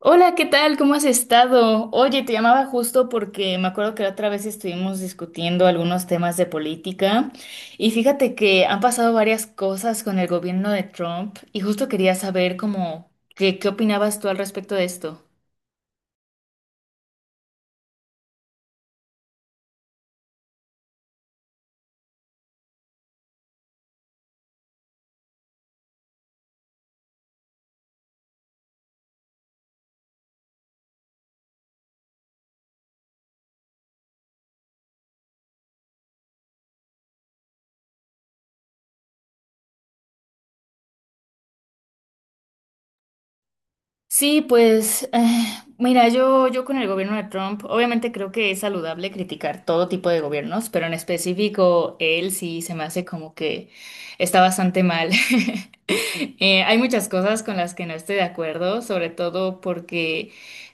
Hola, ¿qué tal? ¿Cómo has estado? Oye, te llamaba justo porque me acuerdo que la otra vez estuvimos discutiendo algunos temas de política y fíjate que han pasado varias cosas con el gobierno de Trump y justo quería saber cómo, qué, qué opinabas tú al respecto de esto. Sí, pues mira, yo con el gobierno de Trump, obviamente creo que es saludable criticar todo tipo de gobiernos, pero en específico él sí se me hace como que está bastante mal. Hay muchas cosas con las que no estoy de acuerdo, sobre todo porque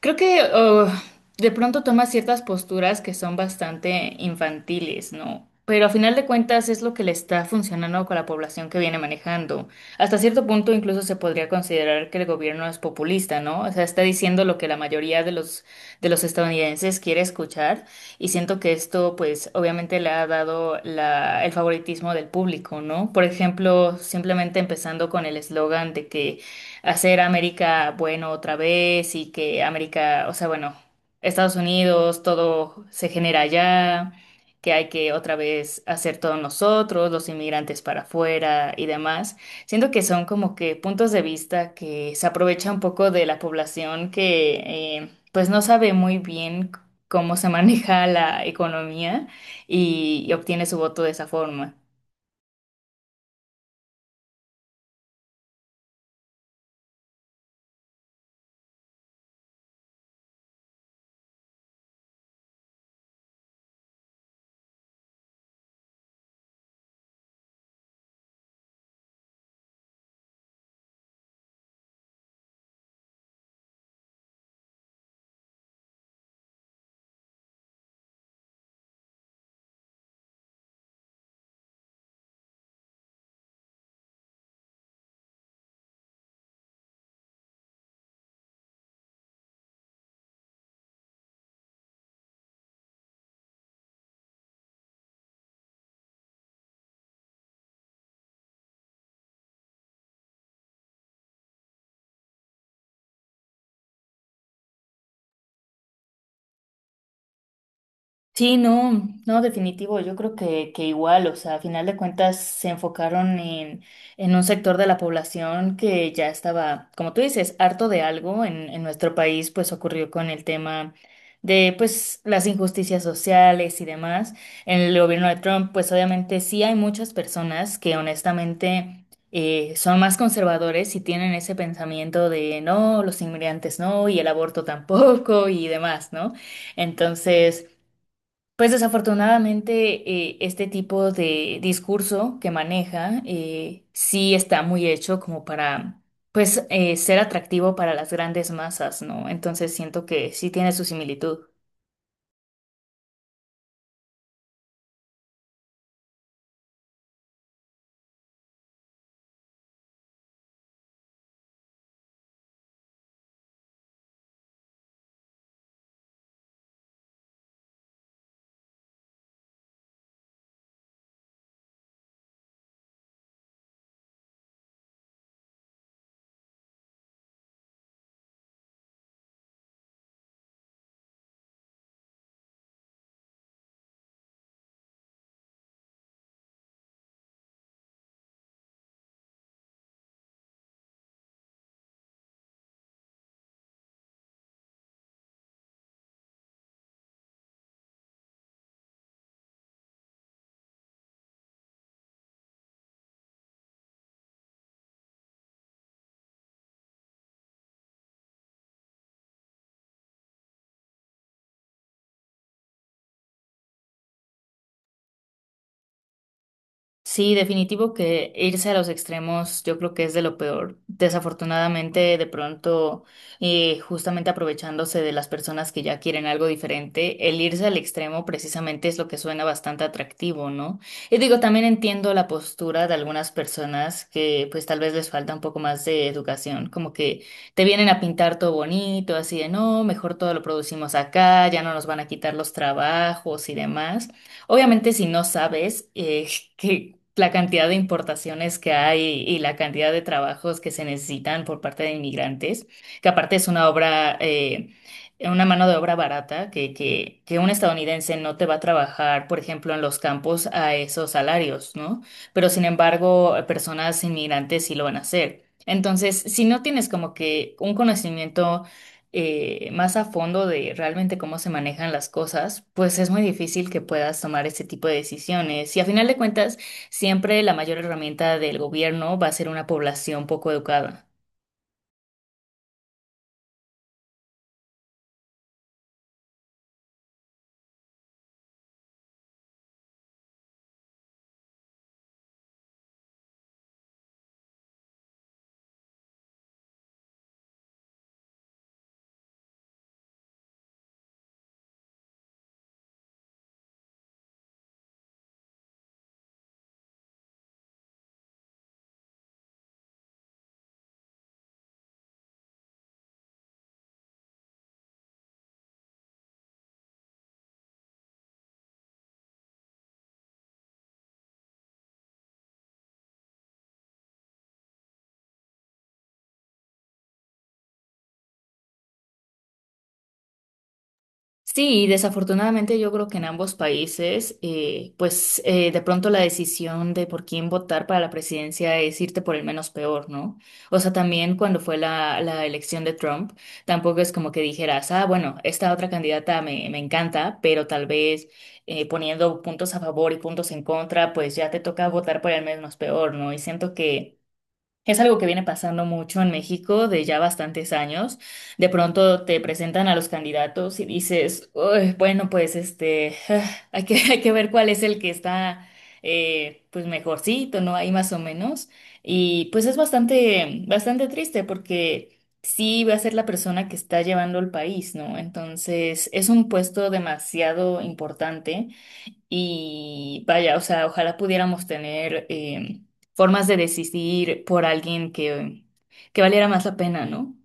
creo que de pronto toma ciertas posturas que son bastante infantiles, ¿no? Pero a final de cuentas es lo que le está funcionando con la población que viene manejando. Hasta cierto punto incluso se podría considerar que el gobierno es populista, ¿no? O sea, está diciendo lo que la mayoría de de los estadounidenses quiere escuchar y siento que esto pues obviamente le ha dado el favoritismo del público, ¿no? Por ejemplo, simplemente empezando con el eslogan de que hacer América bueno otra vez y que América, o sea, bueno, Estados Unidos, todo se genera allá, que hay que otra vez hacer todos nosotros, los inmigrantes para afuera y demás. Siento que son como que puntos de vista que se aprovecha un poco de la población que pues no sabe muy bien cómo se maneja la economía y obtiene su voto de esa forma. Sí, no, no, definitivo. Yo creo que igual, o sea, a final de cuentas se enfocaron en un sector de la población que ya estaba, como tú dices, harto de algo. En nuestro país, pues ocurrió con el tema de, pues, las injusticias sociales y demás. En el gobierno de Trump, pues obviamente sí hay muchas personas que honestamente son más conservadores y tienen ese pensamiento de, no, los inmigrantes no, y el aborto tampoco y demás, ¿no? Entonces, pues desafortunadamente este tipo de discurso que maneja sí está muy hecho como para pues ser atractivo para las grandes masas, ¿no? Entonces siento que sí tiene su similitud. Sí, definitivo que irse a los extremos yo creo que es de lo peor. Desafortunadamente, de pronto, justamente aprovechándose de las personas que ya quieren algo diferente, el irse al extremo precisamente es lo que suena bastante atractivo, ¿no? Y digo, también entiendo la postura de algunas personas que pues tal vez les falta un poco más de educación, como que te vienen a pintar todo bonito, así de no, mejor todo lo producimos acá, ya no nos van a quitar los trabajos y demás. Obviamente, si no sabes que la cantidad de importaciones que hay y la cantidad de trabajos que se necesitan por parte de inmigrantes, que aparte es una obra, una mano de obra barata, que un estadounidense no te va a trabajar, por ejemplo, en los campos a esos salarios, ¿no? Pero sin embargo, personas inmigrantes sí lo van a hacer. Entonces, si no tienes como que un conocimiento más a fondo de realmente cómo se manejan las cosas, pues es muy difícil que puedas tomar este tipo de decisiones. Y a final de cuentas, siempre la mayor herramienta del gobierno va a ser una población poco educada. Sí, y desafortunadamente yo creo que en ambos países, de pronto la decisión de por quién votar para la presidencia es irte por el menos peor, ¿no? O sea, también cuando fue la elección de Trump, tampoco es como que dijeras, ah, bueno, esta otra candidata me encanta, pero tal vez poniendo puntos a favor y puntos en contra, pues ya te toca votar por el menos peor, ¿no? Y siento que es algo que viene pasando mucho en México de ya bastantes años. De pronto te presentan a los candidatos y dices: "Uy, bueno, pues este, ah, hay que, hay que ver cuál es el que está pues mejorcito, ¿no? Ahí más o menos. Y pues es bastante, bastante triste porque sí va a ser la persona que está llevando el país, ¿no? Entonces es un puesto demasiado importante y vaya, o sea, ojalá pudiéramos tener formas de decidir por alguien que valiera más la pena, ¿no?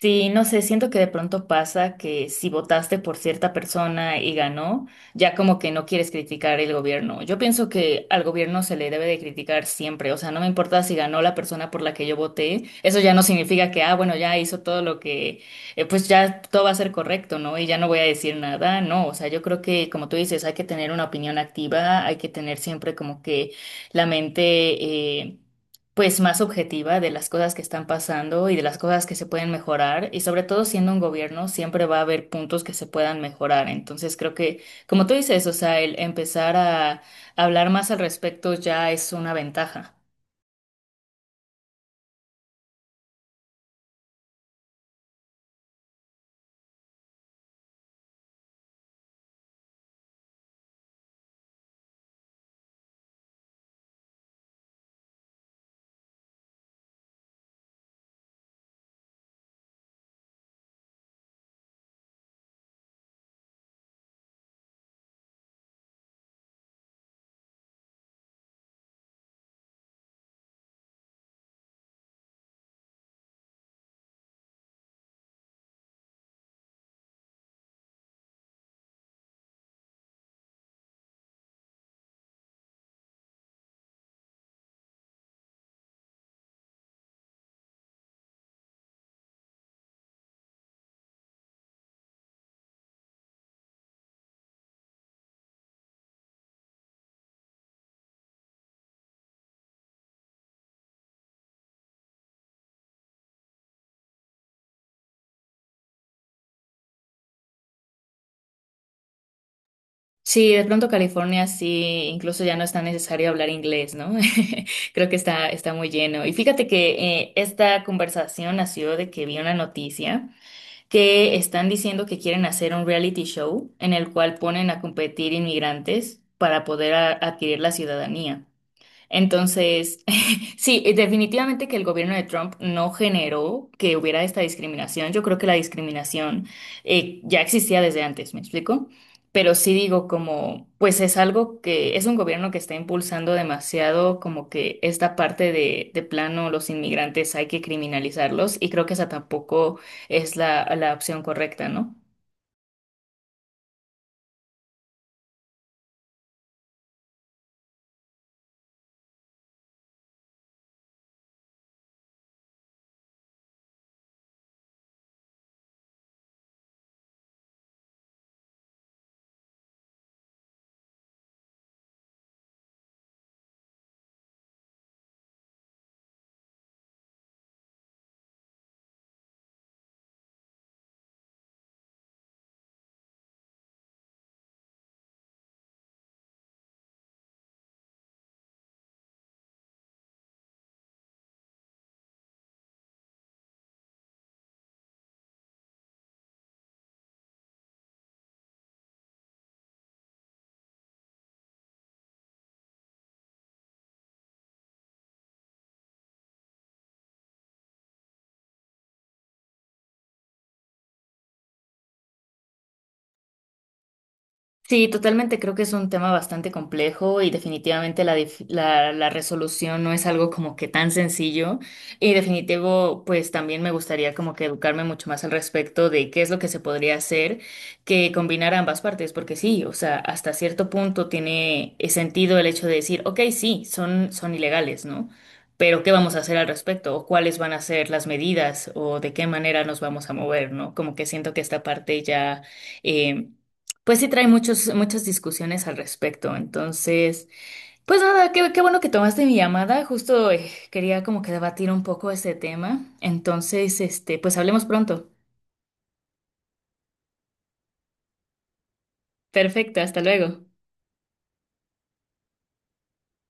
Sí, no sé, siento que de pronto pasa que si votaste por cierta persona y ganó, ya como que no quieres criticar el gobierno. Yo pienso que al gobierno se le debe de criticar siempre, o sea, no me importa si ganó la persona por la que yo voté, eso ya no significa que, ah, bueno, ya hizo todo lo que, pues ya todo va a ser correcto, ¿no? Y ya no voy a decir nada, no, o sea, yo creo que como tú dices, hay que tener una opinión activa, hay que tener siempre como que la mente eh, pues más objetiva de las cosas que están pasando y de las cosas que se pueden mejorar y sobre todo siendo un gobierno siempre va a haber puntos que se puedan mejorar. Entonces creo que, como tú dices, o sea, el empezar a hablar más al respecto ya es una ventaja. Sí, de pronto California sí, incluso ya no es tan necesario hablar inglés, ¿no? Creo que está, está muy lleno. Y fíjate que esta conversación nació de que vi una noticia, que están diciendo que quieren hacer un reality show en el cual ponen a competir inmigrantes para poder adquirir la ciudadanía. Entonces, sí, definitivamente que el gobierno de Trump no generó que hubiera esta discriminación. Yo creo que la discriminación ya existía desde antes, ¿me explico? Pero sí digo como, pues es algo que es un gobierno que está impulsando demasiado como que esta parte de plano los inmigrantes hay que criminalizarlos y creo que esa tampoco es la opción correcta, ¿no? Sí, totalmente. Creo que es un tema bastante complejo y definitivamente la resolución no es algo como que tan sencillo. Y definitivo, pues también me gustaría como que educarme mucho más al respecto de qué es lo que se podría hacer que combinar ambas partes, porque sí, o sea, hasta cierto punto tiene sentido el hecho de decir, ok, sí, son ilegales, ¿no? Pero ¿qué vamos a hacer al respecto? ¿O cuáles van a ser las medidas? ¿O de qué manera nos vamos a mover, ¿no? Como que siento que esta parte ya em, pues sí, trae muchas discusiones al respecto. Entonces, pues nada, qué, qué bueno que tomaste mi llamada. Justo quería como que debatir un poco ese tema. Entonces, este, pues hablemos pronto. Perfecto, hasta luego.